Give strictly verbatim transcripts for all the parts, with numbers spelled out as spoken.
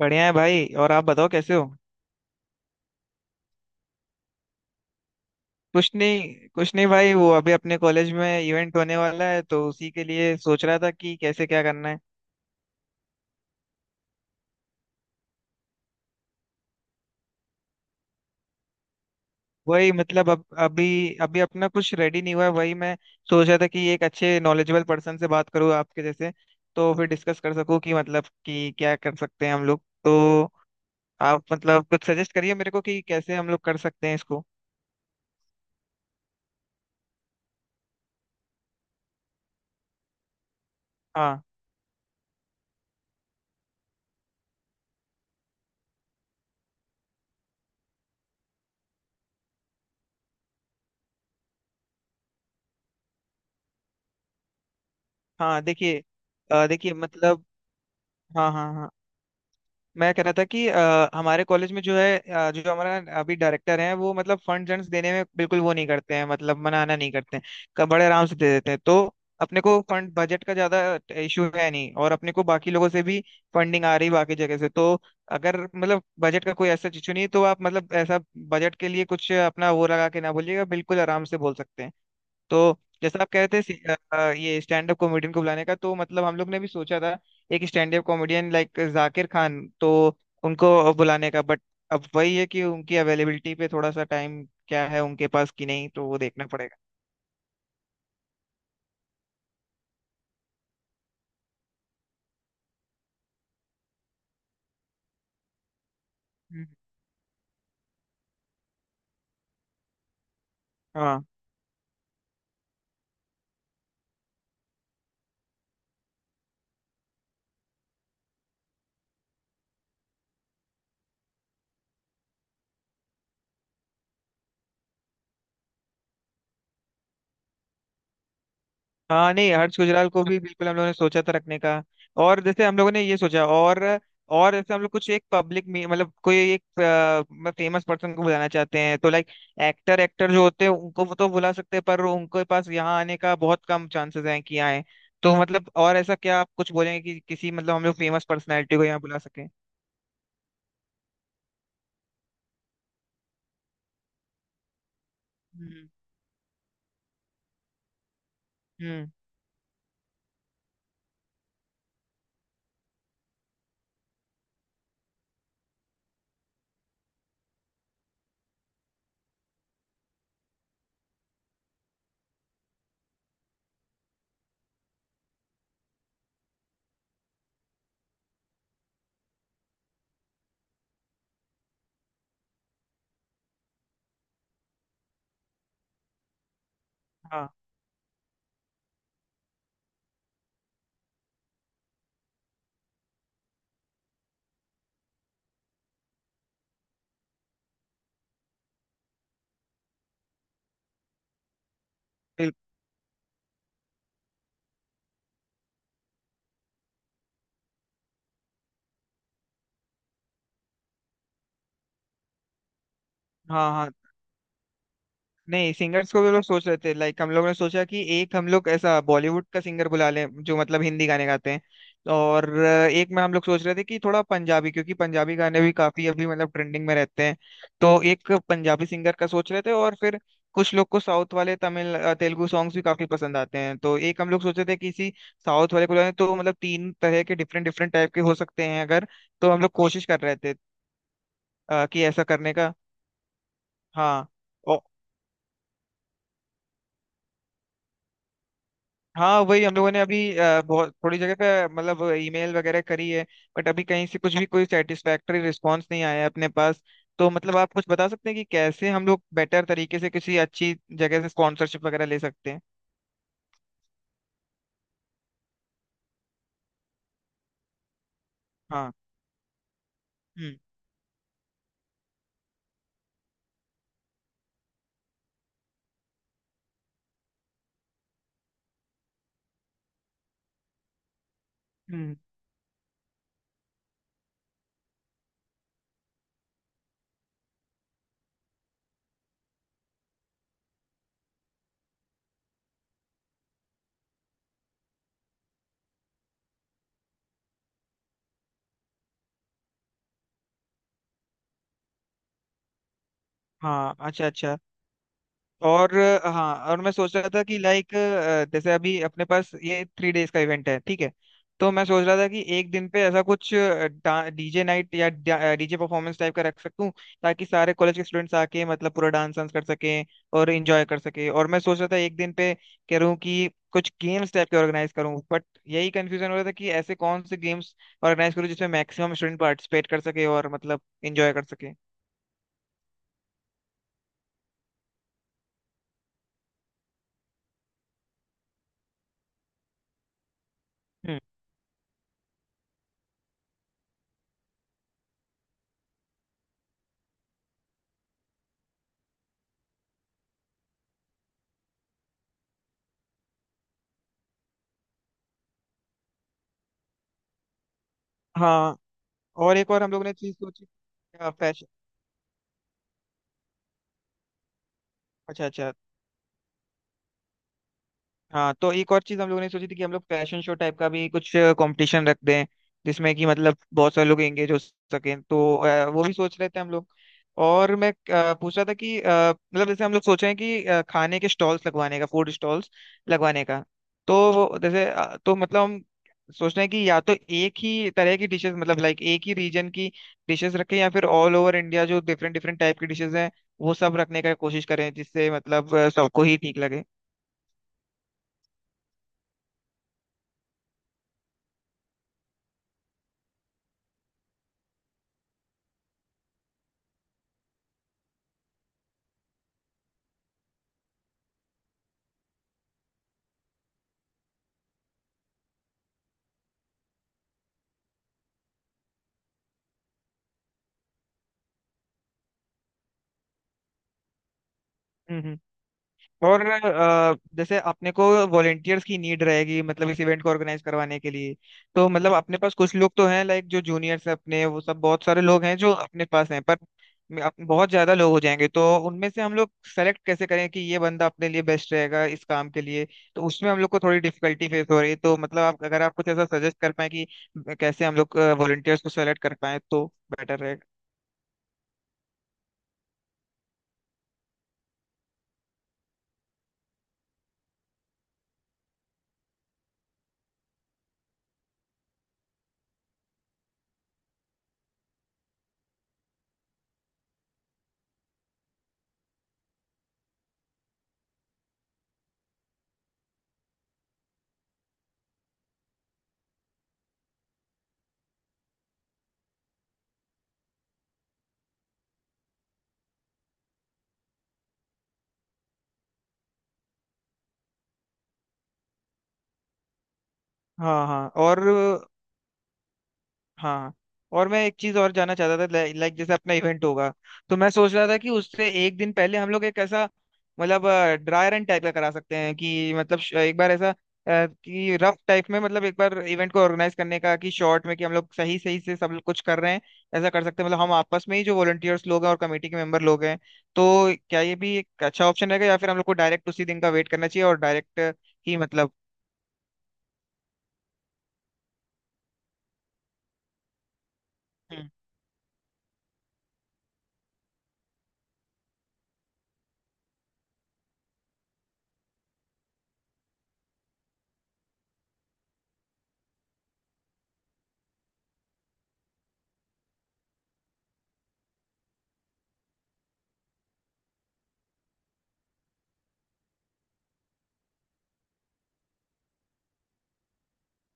बढ़िया है भाई। और आप बताओ कैसे हो। कुछ नहीं कुछ नहीं भाई, वो अभी अपने कॉलेज में इवेंट होने वाला है, तो उसी के लिए सोच रहा था कि कैसे क्या करना है। वही मतलब अब अभी अभी अपना कुछ रेडी नहीं हुआ है, वही मैं सोच रहा था कि एक अच्छे नॉलेजेबल पर्सन से बात करूँ आपके जैसे, तो फिर डिस्कस कर सकूँ कि मतलब कि क्या कर सकते हैं हम लोग। तो आप मतलब कुछ सजेस्ट करिए मेरे को कि कैसे हम लोग कर सकते हैं इसको। हाँ हाँ देखिए। अ, देखिए मतलब हाँ हाँ हाँ। मैं कह रहा था कि अ, हमारे कॉलेज में जो है, अ, जो हमारा अभी डायरेक्टर हैं, वो मतलब फंड जन्स देने में बिल्कुल वो नहीं करते हैं, मतलब मनाना नहीं करते हैं। क- बड़े आराम से दे देते हैं। तो अपने को फंड बजट का ज्यादा इशू है नहीं, और अपने को बाकी लोगों से भी फंडिंग आ रही बाकी जगह से। तो अगर मतलब बजट का कोई ऐसा इशू नहीं, तो आप मतलब ऐसा बजट के लिए कुछ अपना वो लगा के ना बोलिएगा, बिल्कुल आराम से बोल सकते हैं। तो जैसा आप कह रहे थे, सी- अ, अ, ये स्टैंड अप कॉमेडियन को बुलाने का, तो मतलब हम लोग ने भी सोचा था एक stand up comedian like Zakir Khan, तो उनको बुलाने का। बट अब वही है कि उनकी अवेलेबिलिटी पे थोड़ा सा टाइम क्या है उनके पास कि नहीं, तो वो देखना पड़ेगा। हम्म। हाँ हाँ। नहीं, हर्ष गुजराल को भी बिल्कुल हम लोगों ने सोचा था रखने का। और जैसे हम लोगों ने ये सोचा, और और जैसे हम लोग कुछ एक पब्लिक में मतलब कोई एक फेमस पर्सन को बुलाना चाहते हैं, तो लाइक एक्टर एक्टर जो होते हैं उनको वो तो बुला सकते हैं, पर उनके पास यहाँ आने का बहुत कम चांसेस हैं कि आए। तो मतलब और ऐसा क्या आप कुछ बोलेंगे कि किसी मतलब हम लोग फेमस पर्सनैलिटी को यहाँ बुला सकें। हम्म। हम्म। हाँ बिल्कुल। हाँ हाँ। नहीं, सिंगर्स को भी लोग सोच रहे थे, लाइक हम लोग ने सोचा कि एक हम लोग ऐसा बॉलीवुड का सिंगर बुला लें जो मतलब हिंदी गाने गाते हैं। और अ, एक में हम लोग सोच रहे थे कि थोड़ा पंजाबी, क्योंकि पंजाबी गाने भी काफी अभी मतलब ट्रेंडिंग में रहते हैं, तो एक पंजाबी सिंगर का सोच रहे थे। और फिर कुछ लोग को साउथ वाले तमिल, अ, तेलुगु सॉन्ग्स भी काफी पसंद आते हैं, तो एक हम लोग सोच रहे थे किसी साउथ वाले को बुलाएं। तो मतलब तीन तरह के डिफरेंट डिफरेंट टाइप के हो सकते हैं अगर, तो हम लोग कोशिश कर रहे थे अ, कि ऐसा करने का। हाँ। हाँ वही हम लोगों ने अभी अ, बहुत थोड़ी जगह पे मतलब ईमेल वगैरह करी है, बट अभी कहीं से कुछ भी कोई सेटिस्फैक्टरी रिस्पांस नहीं आया है अपने पास। तो मतलब आप कुछ बता सकते हैं कि कैसे हम लोग बेटर तरीके से किसी अच्छी जगह से स्पॉन्सरशिप वगैरह ले सकते हैं। हाँ। हम्म हम्म। हाँ, अच्छा अच्छा। और अ, हाँ, और मैं सोच रहा था कि लाइक जैसे अभी अपने पास ये थ्री डेज का इवेंट है, ठीक है, तो मैं सोच रहा था कि एक दिन पे ऐसा कुछ डीजे नाइट या डीजे परफॉर्मेंस टाइप का रख सकूं, ताकि सारे कॉलेज के स्टूडेंट्स आके मतलब पूरा डांस वांस कर सकें और एंजॉय कर सकें। और मैं सोच रहा था एक दिन पे कह रहा हूं कि कुछ गेम्स टाइप के ऑर्गेनाइज करूं, बट यही कंफ्यूजन हो रहा था कि ऐसे कौन से गेम्स ऑर्गेनाइज करूं जिसमें मैक्सिमम स्टूडेंट पार्टिसिपेट कर सके और मतलब एंजॉय कर सके। हम्म। हाँ, और एक और हम लोगों ने चीज सोची। अच्छा अच्छा। हाँ, तो एक और चीज हम लोगों ने सोची थी कि हम लोग फैशन शो टाइप का भी कुछ कंपटीशन रख दें, जिसमें कि मतलब बहुत सारे लोग एंगेज हो सकें, तो अ, वो भी सोच रहे थे हम लोग। और मैं अ, पूछ रहा था कि अ, मतलब जैसे हम लोग सोच रहे हैं कि अ, खाने के स्टॉल्स लगवाने का, फूड स्टॉल्स लगवाने का। तो वो जैसे, अ, तो मतलब हम सोच रहे हैं कि या तो एक ही तरह की डिशेस, मतलब लाइक एक ही रीजन की डिशेस रखें, या फिर ऑल ओवर इंडिया जो डिफरेंट डिफरेंट टाइप की डिशेस हैं, वो सब रखने का कोशिश करें, जिससे मतलब अ, सबको ही ठीक लगे। हम्म हम्म। और अ, जैसे अपने को वॉलेंटियर्स की नीड रहेगी, मतलब इस इवेंट को ऑर्गेनाइज करवाने के लिए, तो मतलब अपने पास कुछ लोग तो हैं, लाइक जो जूनियर्स हैं अपने, वो सब बहुत सारे लोग हैं जो अपने पास हैं। पर मे- अप- बहुत ज्यादा लोग हो जाएंगे, तो उनमें से हम लोग सेलेक्ट कैसे करें कि ये बंदा अपने लिए बेस्ट रहेगा इस काम के लिए। तो उसमें हम लोग को थोड़ी डिफिकल्टी फेस हो रही है, तो मतलब आप अगर आप कुछ ऐसा सजेस्ट कर पाए कि कैसे हम लोग वॉलेंटियर्स को सेलेक्ट कर पाए, तो बेटर रहेगा। हाँ हाँ और हाँ, और मैं एक चीज और जानना चाहता था, लाइक लाइक जैसे अपना इवेंट होगा, तो मैं सोच रहा था कि उससे एक दिन पहले हम लोग एक ऐसा मतलब ड्राई रन टाइप का करा सकते हैं कि मतलब श- एक बार ऐसा अ, कि रफ टाइप में मतलब एक बार इवेंट को ऑर्गेनाइज करने का कि शॉर्ट में कि हम लोग सही सही से सब लोग कुछ कर रहे हैं, ऐसा कर सकते हैं। मतलब हम आपस में ही जो वॉलंटियर्स लोग हैं और कमेटी के मेंबर लोग हैं, तो क्या ये भी एक अच्छा ऑप्शन रहेगा, या फिर हम लोग को डायरेक्ट उसी दिन का वेट करना चाहिए और डायरेक्ट ही मतलब।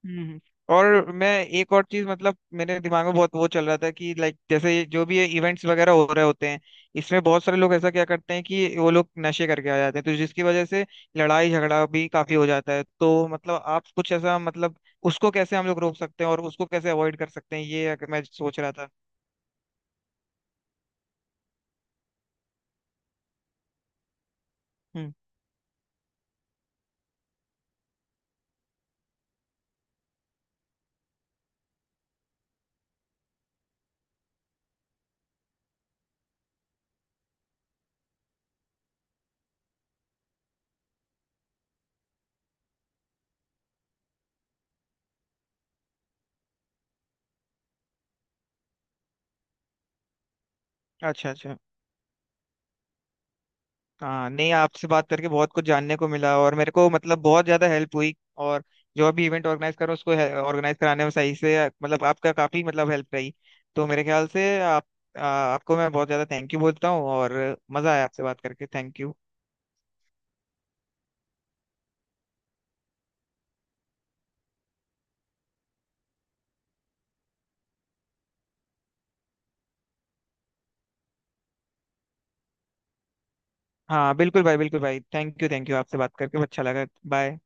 हम्म। और मैं एक और चीज, मतलब मेरे दिमाग में बहुत वो चल रहा था कि लाइक जैसे ये जो भी ये इवेंट्स वगैरह हो रहे होते हैं, इसमें बहुत सारे लोग ऐसा क्या करते हैं कि वो लोग नशे करके आ जाते हैं, तो जिसकी वजह से लड़ाई झगड़ा भी काफी हो जाता है। तो मतलब आप कुछ ऐसा मतलब उसको कैसे हम लोग रोक सकते हैं और उसको कैसे अवॉइड कर सकते हैं, ये अगर मैं सोच रहा था। हम्म। अच्छा अच्छा। हाँ, नहीं, आपसे बात करके बहुत कुछ जानने को मिला, और मेरे को मतलब बहुत ज्यादा हेल्प हुई। और जो भी इवेंट ऑर्गेनाइज करो उसको ऑर्गेनाइज कराने में सही से मतलब आपका काफी मतलब हेल्प रही। तो मेरे ख्याल से आप, आ, आपको मैं बहुत ज्यादा थैंक यू बोलता हूँ। और मजा आया आपसे बात करके, थैंक यू। हाँ बिल्कुल भाई बिल्कुल भाई थैंक यू थैंक यू आपसे बात करके अच्छा लगा। बाय।